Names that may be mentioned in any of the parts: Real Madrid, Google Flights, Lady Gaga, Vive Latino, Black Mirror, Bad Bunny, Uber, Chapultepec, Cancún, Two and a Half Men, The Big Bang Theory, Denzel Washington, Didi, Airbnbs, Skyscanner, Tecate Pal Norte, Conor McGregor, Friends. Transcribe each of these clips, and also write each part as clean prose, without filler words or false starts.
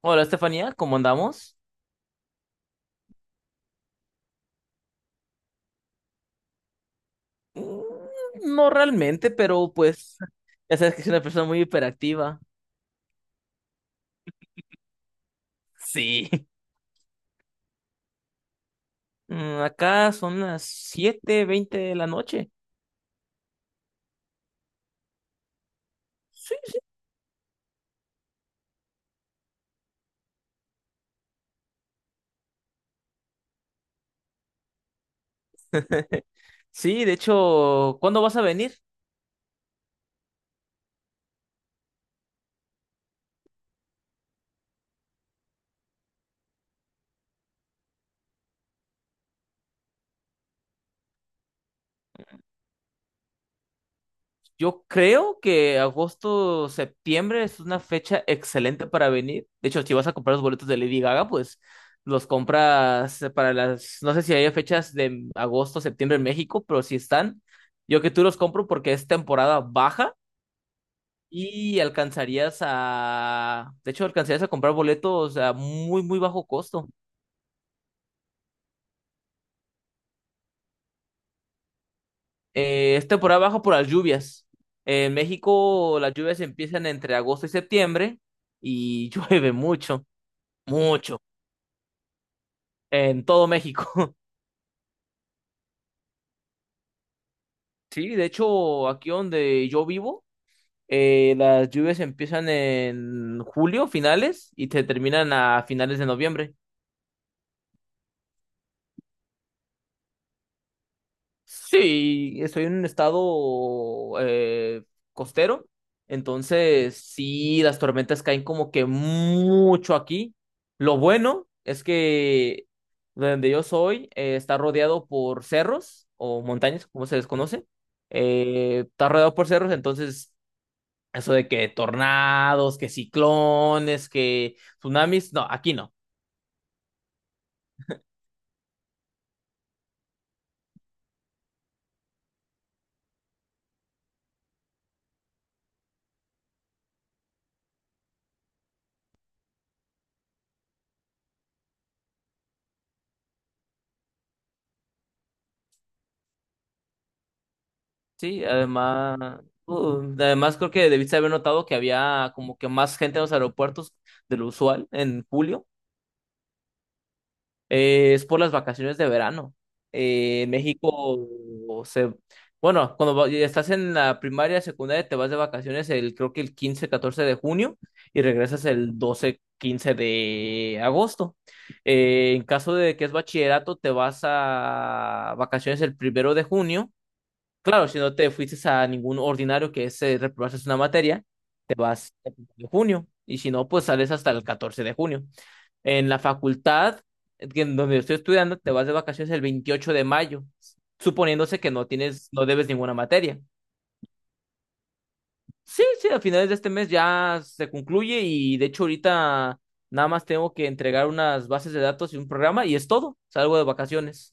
Hola, Estefanía, ¿cómo andamos? Mm, No realmente, pero pues ya sabes que soy una persona muy hiperactiva. Sí. Acá son las 7:20 de la noche. Sí, de hecho, ¿cuándo vas a venir? Yo creo que agosto, septiembre es una fecha excelente para venir. De hecho, si vas a comprar los boletos de Lady Gaga, pues los compras para las, no sé si hay fechas de agosto, septiembre en México, pero si están, yo que tú los compro porque es temporada baja y alcanzarías a, de hecho, alcanzarías a comprar boletos a muy, muy bajo costo. Es temporada baja por las lluvias. En México las lluvias empiezan entre agosto y septiembre y llueve mucho. Mucho. En todo México. Sí, de hecho, aquí donde yo vivo, las lluvias empiezan en julio, finales, y te terminan a finales de noviembre. Sí, estoy en un estado costero, entonces sí, las tormentas caen como que mucho aquí. Lo bueno es que donde yo soy está rodeado por cerros o montañas, como se les conoce. Está rodeado por cerros, entonces eso de que tornados, que ciclones, que tsunamis, no, aquí no. Sí, además, además creo que debiste haber notado que había como que más gente en los aeropuertos de lo usual en julio. Es por las vacaciones de verano. En México se... Bueno, estás en la primaria, secundaria, te vas de vacaciones el, creo que el 15 14 de junio y regresas el 12 15 de agosto. En caso de que es bachillerato, te vas a vacaciones el primero de junio. Claro, si no te fuiste a ningún ordinario que es reprobarse una materia, te vas el primero de junio. Y si no, pues sales hasta el 14 de junio. En la facultad en donde estoy estudiando, te vas de vacaciones el 28 de mayo, suponiéndose que no tienes, no debes ninguna materia. Sí, sí, a finales de este mes ya se concluye y de hecho ahorita nada más tengo que entregar unas bases de datos y un programa y es todo. Salgo de vacaciones.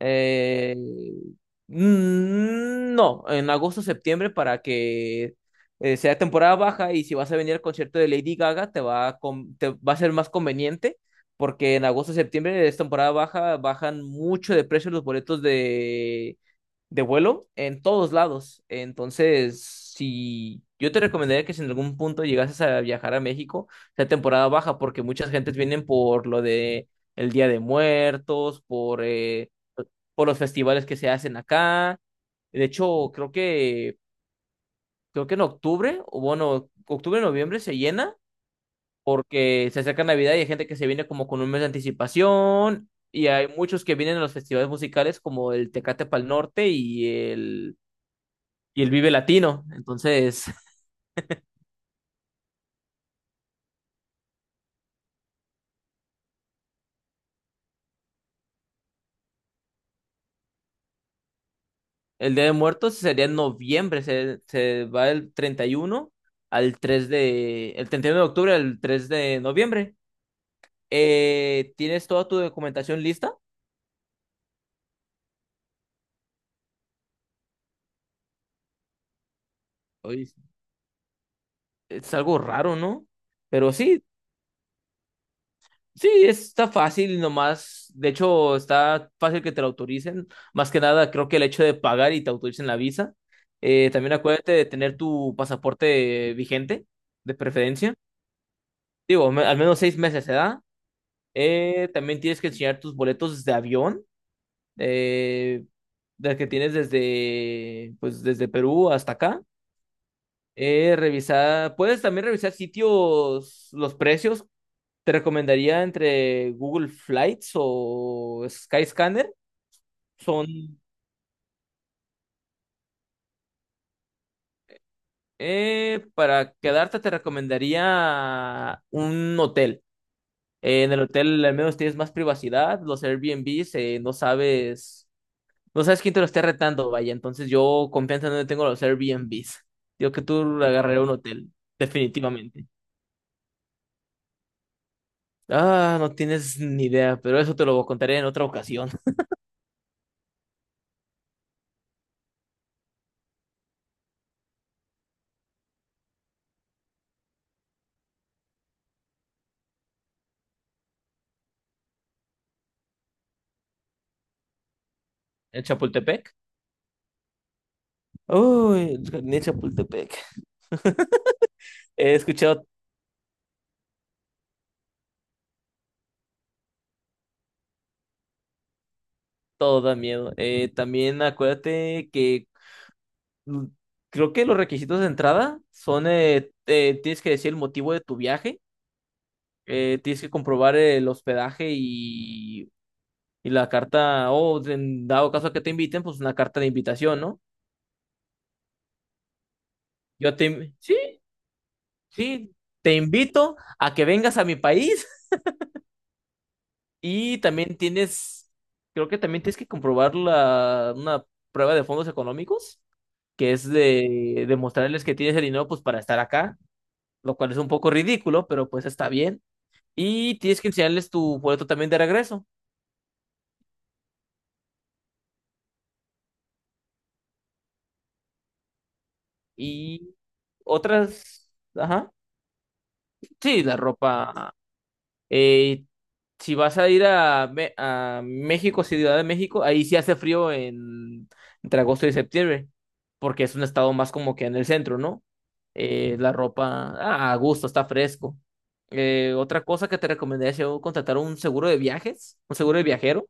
Eh, no, en agosto, septiembre para que sea temporada baja y si vas a venir al concierto de Lady Gaga te va a, te va a ser más conveniente porque en agosto, septiembre es temporada baja, bajan mucho de precio los boletos de vuelo en todos lados. Entonces, si yo te recomendaría que si en algún punto llegases a viajar a México, sea temporada baja porque muchas gentes vienen por lo de el Día de Muertos, por los festivales que se hacen acá. De hecho, creo que en octubre, o bueno, octubre, noviembre se llena porque se acerca Navidad y hay gente que se viene como con un mes de anticipación y hay muchos que vienen a los festivales musicales como el Tecate Pal Norte y el Vive Latino. Entonces, el Día de Muertos sería en noviembre, se va el 31 al 3 de, el 31 de octubre al 3 de noviembre. ¿Tienes toda tu documentación lista? Oye, es algo raro, ¿no? Pero sí, sí, está fácil nomás. De hecho, está fácil que te lo autoricen. Más que nada, creo que el hecho de pagar y te autoricen la visa. También acuérdate de tener tu pasaporte vigente, de preferencia. Digo, al menos 6 meses se da. También tienes que enseñar tus boletos de avión, eh, del que tienes desde, pues, desde Perú hasta acá. Revisar, puedes también revisar sitios, los precios. Te recomendaría entre Google Flights o Skyscanner. Son. Para quedarte, te recomendaría un hotel. En el hotel al menos tienes más privacidad. Los Airbnbs no sabes, no sabes quién te lo esté retando, vaya. Entonces yo confianza no le tengo a los Airbnbs. Digo que tú agarraré un hotel, definitivamente. Ah, no tienes ni idea, pero eso te lo contaré en otra ocasión. En Chapultepec. Uy, en Chapultepec. He escuchado. Todo da miedo. También acuérdate que mm, creo que los requisitos de entrada son, tienes que decir el motivo de tu viaje, tienes que comprobar el hospedaje y la carta, o en dado caso que te inviten, pues una carta de invitación, ¿no? Sí, sí, te invito a que vengas a mi país. y también tienes, Creo que también tienes que comprobar la, una prueba de fondos económicos que es de demostrarles que tienes el dinero pues para estar acá. Lo cual es un poco ridículo, pero pues está bien. Y tienes que enseñarles tu boleto también de regreso. Y otras, ajá, sí, la ropa. Eh, si vas a ir a, a México, Ciudad de México, ahí sí hace frío en, entre agosto y septiembre, porque es un estado más como que en el centro, ¿no? La ropa, ah, a gusto, está fresco. Otra cosa que te recomendaría es yo contratar un seguro de viajes, un seguro de viajero.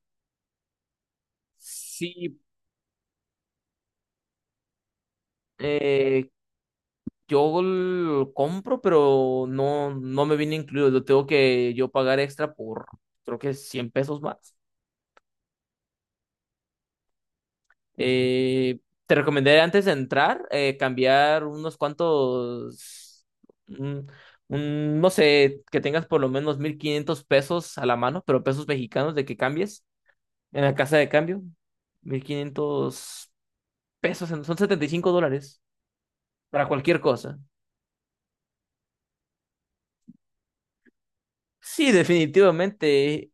Sí, eh, yo lo compro, pero no, no me viene incluido. Lo tengo que yo pagar extra por, creo que 100 pesos más. Eh, Te recomendé antes de entrar cambiar unos cuantos, un- no sé, que tengas por lo menos 1500 pesos a la mano, pero pesos mexicanos de que cambies en la casa de cambio. 1500 pesos, son 75 dólares para cualquier cosa. Sí, definitivamente.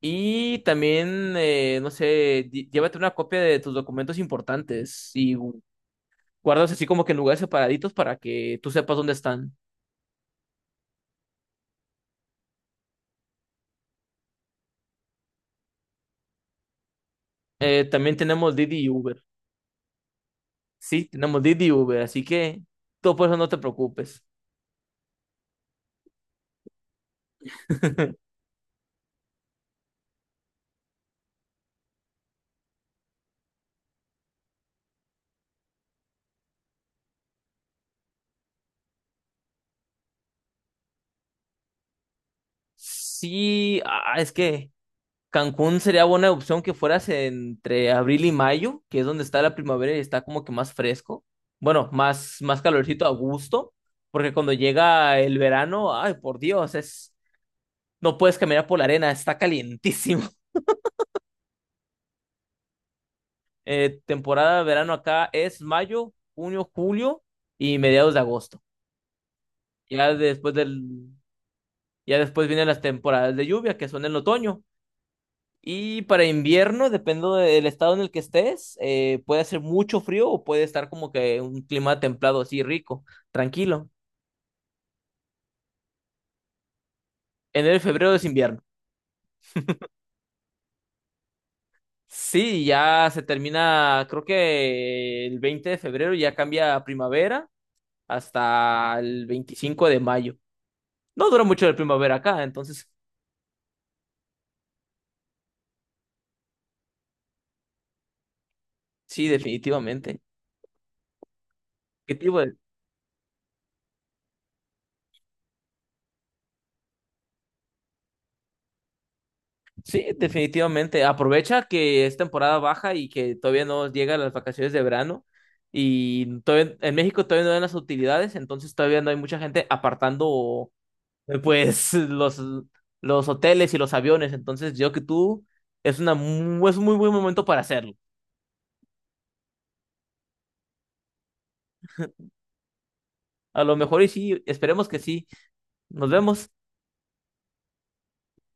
Y también, no sé, llévate una copia de tus documentos importantes y guardas así como que en lugares separaditos para que tú sepas dónde están. También tenemos Didi y Uber. Sí, tenemos Didi y Uber, así que tú por eso no te preocupes. Sí, ah, es que Cancún sería buena opción que fueras entre abril y mayo, que es donde está la primavera y está como que más fresco. Bueno, más, más calorcito a gusto, porque cuando llega el verano, ay, por Dios, es. No puedes caminar por la arena, está calientísimo. Temporada de verano acá es mayo, junio, julio y mediados de agosto. Ya después del, ya después vienen las temporadas de lluvia, que son en otoño. Y para invierno, dependiendo del estado en el que estés, puede hacer mucho frío o puede estar como que un clima templado así rico, tranquilo. Enero y febrero es invierno. Sí, ya se termina, creo que el 20 de febrero ya cambia a primavera hasta el 25 de mayo. No dura mucho la primavera acá, entonces sí, definitivamente. ¿Qué tipo de- Sí, definitivamente. Aprovecha que es temporada baja y que todavía no llegan las vacaciones de verano. Y todavía, en México todavía no dan las utilidades, entonces todavía no hay mucha gente apartando pues los hoteles y los aviones. Entonces yo que tú es un muy buen momento para hacerlo. A lo mejor y sí, esperemos que sí. Nos vemos.